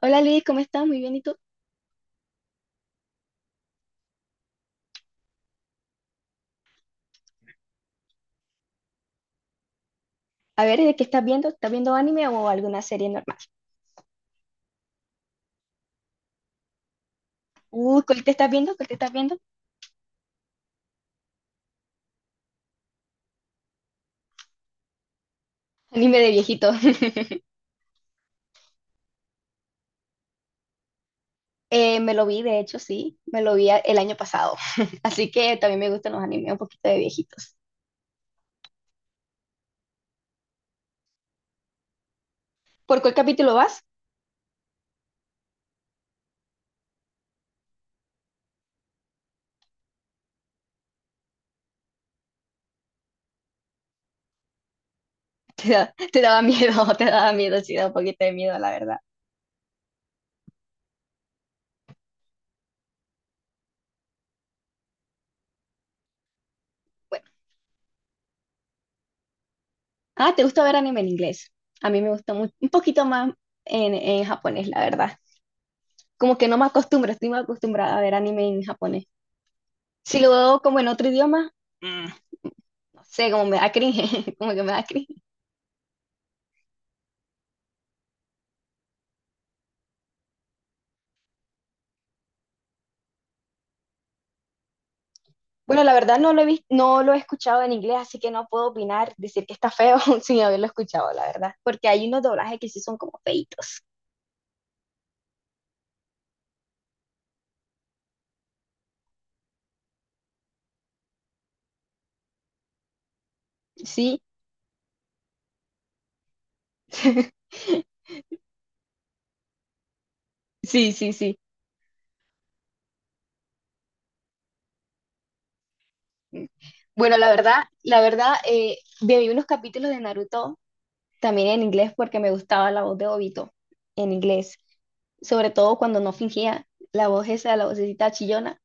Hola Luis, ¿cómo estás? Muy bien, ¿y tú? A ver, ¿de qué estás viendo? ¿Estás viendo anime o alguna serie normal? Uy, ¿cuál te estás viendo? ¿Cuál te estás viendo? Anime de viejito. Me lo vi, de hecho, sí, me lo vi el año pasado. Así que también me gustan los animes un poquito de viejitos. ¿Por cuál capítulo vas? Te daba miedo, te daba miedo, sí, da un poquito de miedo, la verdad. Bueno. Ah, ¿te gusta ver anime en inglés? A mí me gusta un poquito más en japonés, la verdad. Como que no me acostumbro, estoy más acostumbrada a ver anime en japonés. Si lo veo como en otro idioma. Sé, como me da cringe, como que me da cringe. Bueno, la verdad no lo he visto no lo he escuchado en inglés, así que no puedo opinar, decir que está feo sin haberlo escuchado, la verdad, porque hay unos doblajes que sí son como feitos. Sí, sí, sí, sí. Bueno, la verdad, vi unos capítulos de Naruto también en inglés porque me gustaba la voz de Obito en inglés, sobre todo cuando no fingía la voz esa, la vocecita chillona.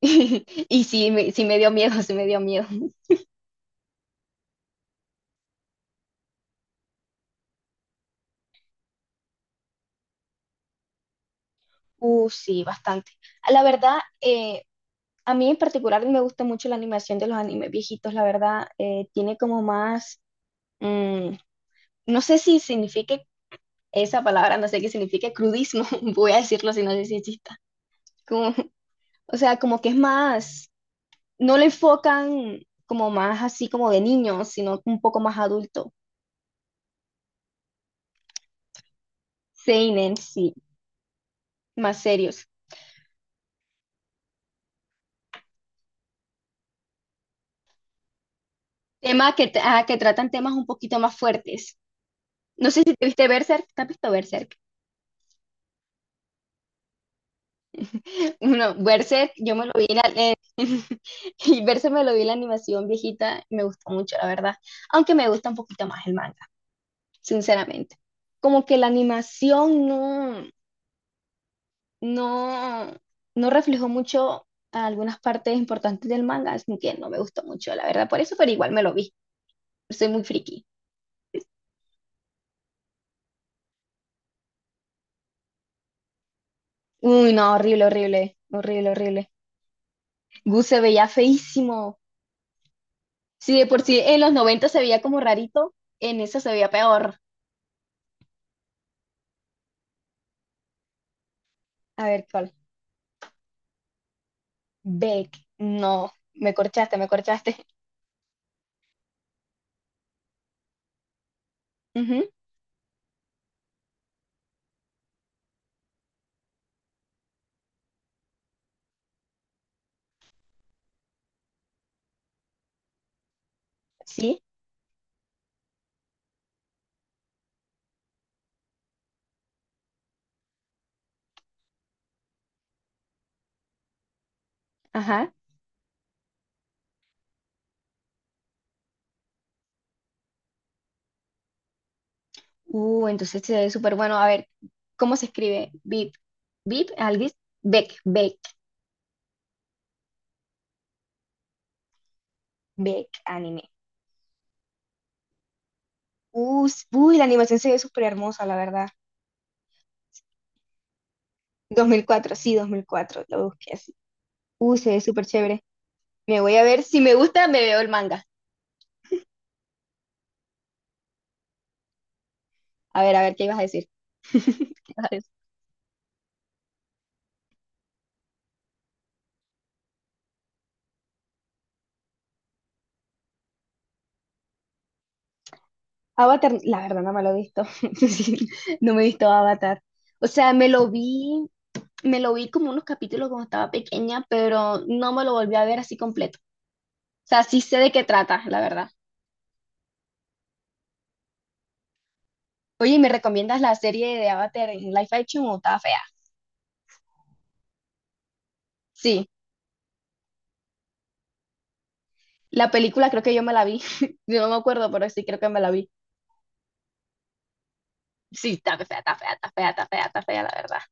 Y sí me dio miedo, sí me dio miedo. Sí, bastante. La verdad, a mí en particular me gusta mucho la animación de los animes viejitos, la verdad, tiene como más, mm, no sé si signifique esa palabra, no sé qué significa crudismo, voy a decirlo si no sé si exista. Como, o sea, como que es más, no le enfocan como más así como de niños, sino un poco más adulto. Seinen, sí, más serios. Temas que tratan temas un poquito más fuertes. No sé si te viste Berserk, ¿te has visto Berserk? No, Berserk, yo me lo vi. Y Berserk me lo vi en la animación viejita y me gustó mucho, la verdad. Aunque me gusta un poquito más el manga, sinceramente. Como que la animación no, no reflejó mucho algunas partes importantes del manga, así que no me gustó mucho, la verdad. Por eso, pero igual me lo vi. Soy muy friki. Uy, no, horrible, horrible, horrible, horrible. Gus se veía feísimo. Si de por sí en los 90 se veía como rarito, en eso se veía peor. A ver, ¿cuál? Beck, no, me corchaste, me corchaste. Ujú, sí, ajá. Entonces se ve súper bueno. A ver, ¿cómo se escribe? Bip, Bip, alguien. Beck, Beck, Beck, anime. Uy, la animación se ve súper hermosa, la verdad. 2004, sí, 2004, lo busqué así. Se ve súper chévere. Me voy a ver, si me gusta, me veo el manga. A ver, ¿qué ibas a decir? ¿Qué ibas a decir? Avatar, la verdad no me lo he visto. Sí, no me he visto Avatar. O sea, me lo vi. Me lo vi como unos capítulos cuando estaba pequeña, pero no me lo volví a ver así completo. O sea, sí sé de qué trata, la verdad. Oye, ¿y me recomiendas la serie de Avatar en live action o está fea? Sí, la película creo que yo me la vi. Yo no me acuerdo, pero sí creo que me la vi. Sí, está fea, está fea, está fea, está fea, está fea, la verdad.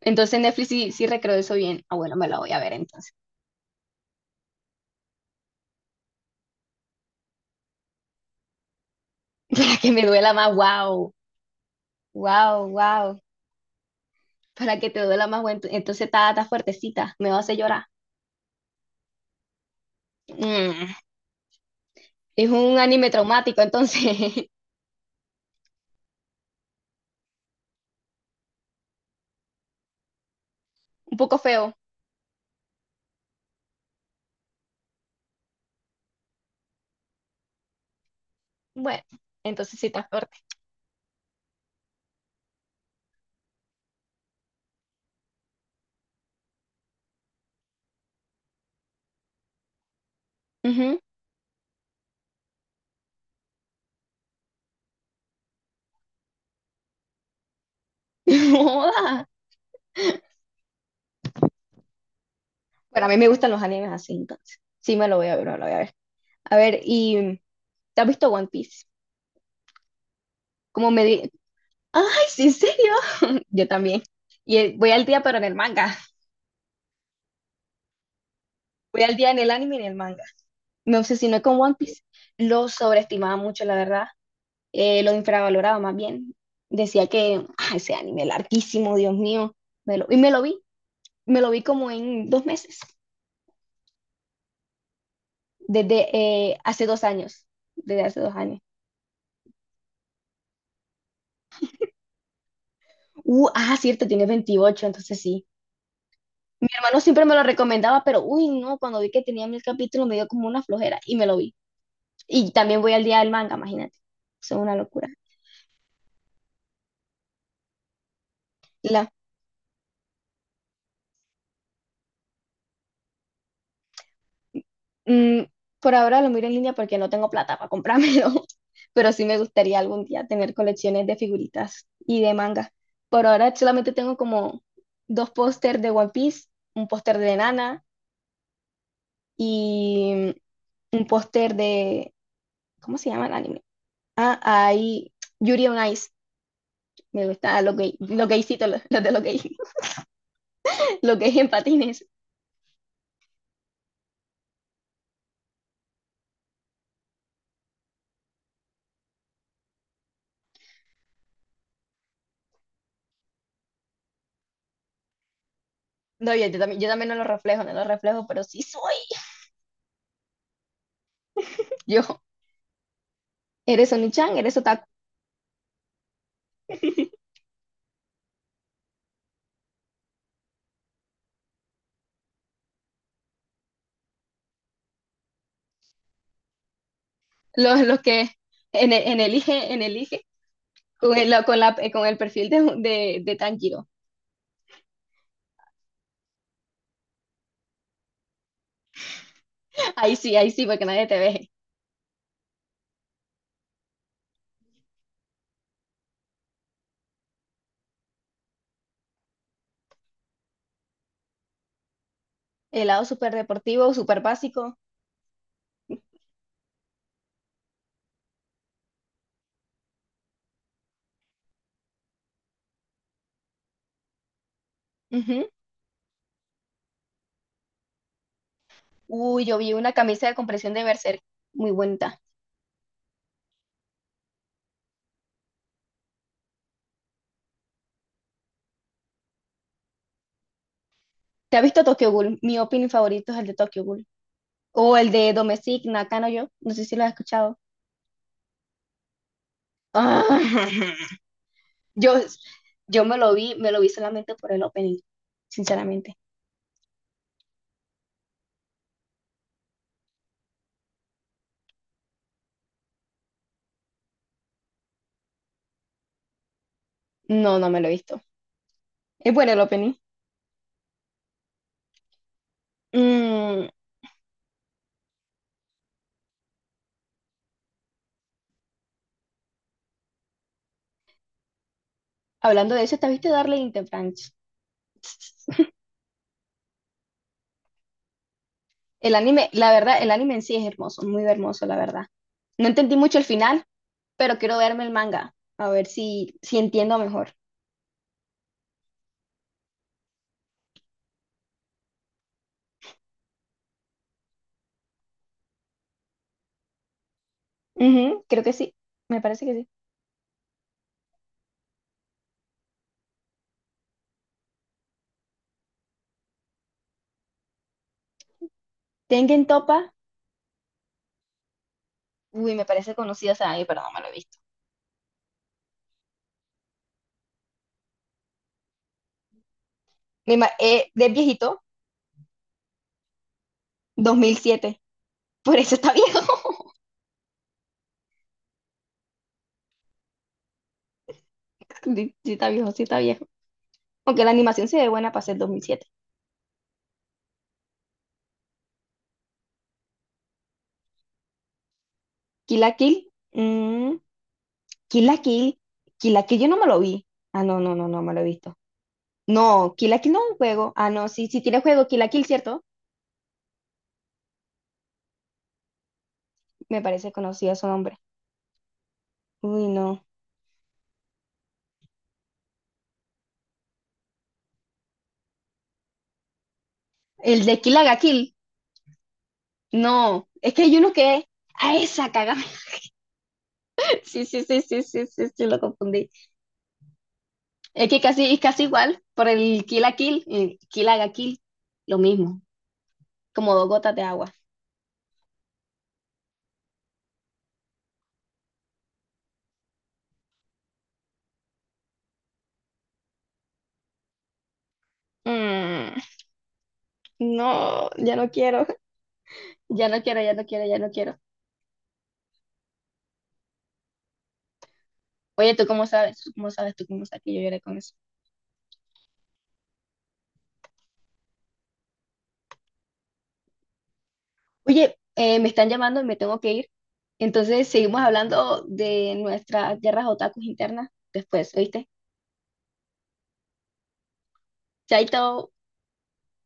Entonces Netflix sí, sí recreó eso bien. Ah, bueno, me la voy a ver entonces. Para que me duela más, wow, wow, wow. Para que te duela más, bueno, entonces está fuertecita, me va a hacer llorar. Mm, Es un anime traumático, entonces. Un poco feo. Bueno, entonces sí está fuerte. Ujú. Joda. Bueno, a mí me gustan los animes así, entonces. Sí me lo voy a ver, me lo voy a ver. A ver, y ¿te has visto One Piece? Como me di... ¡Ay, sí, en serio! Yo también. Y voy al día, pero en el manga. Voy al día en el anime y en el manga. Me obsesioné con One Piece. Lo sobreestimaba mucho, la verdad. Lo infravaloraba más bien. Decía que ese anime larguísimo, Dios mío. Y me lo vi. Me lo vi como en 2 meses. Desde hace 2 años. Desde hace 2 años. Cierto, tiene 28, entonces sí. Mi hermano siempre me lo recomendaba, pero uy, no, cuando vi que tenía 1000 capítulos me dio como una flojera y me lo vi. Y también voy al día del manga, imagínate. Eso es una locura. La, mm, por ahora lo miro en línea porque no tengo plata para comprármelo, pero sí me gustaría algún día tener colecciones de figuritas y de manga. Por ahora solamente tengo como 2 pósters de One Piece, un póster de Nana y un póster de ¿cómo se llama el anime? Ah, hay Yuri on Ice. Me gusta lo gay, lo gaycito, lo de lo gay, lo gay en patines. No, yo también, yo también no lo reflejo, no lo reflejo, pero sí soy yo. Eres Oni-chan, eres otaku. Los que en elige, con el, con la, con el perfil de Tanjiro. Ahí sí, porque nadie te ve. El lado súper deportivo, súper básico. Ujú. Uy, yo vi una camisa de compresión de Berserk, muy bonita. ¿Te has visto Tokyo Ghoul? Mi opening favorito es el de Tokyo Ghoul. O el de Domestic Nakano yo, no sé si lo has escuchado. Ah, yo, yo me lo vi solamente por el opening, sinceramente. No, no me lo he visto. Es bueno el opening. Mm, Hablando de eso, ¿te viste Darling in the Franxx? El anime, la verdad, el anime en sí es hermoso, muy hermoso, la verdad. No entendí mucho el final, pero quiero verme el manga, a ver si entiendo mejor. Ujú, creo que sí, me parece que sí. Tengen Topa, uy, me parece conocido ese anime, pero no me lo he visto. ¿De viejito? 2007. Por eso está viejo. Sí, sí está viejo, sí está viejo. Aunque la animación se ve buena para ser 2007. Kill la Kill. Kill la Kill. Kill la Kill yo no me lo vi. Ah, no, no, no, no me lo he visto. No, Kill la Kill no es un juego. Ah, no, sí, sí tiene juego. Kill la Kill, ¿cierto? Me parece conocido su nombre. Uy, no. El de Kill la Kill. No, es que hay uno que es... A esa cagada. Sí, sí, sí, sí, sí, sí, sí, lo confundí. Es que casi, es casi igual por el Kill la Kill. Kill la Kill. Lo mismo. Como dos gotas de agua. Mm, no, ya no quiero. Ya no quiero, ya no quiero, ya no quiero. Oye, ¿tú cómo sabes? ¿Tú cómo sabes? ¿Tú cómo sabes que yo lloré con eso? Oye, me están llamando y me tengo que ir. Entonces seguimos hablando de nuestras guerras otakus internas después, ¿oíste? Chaito.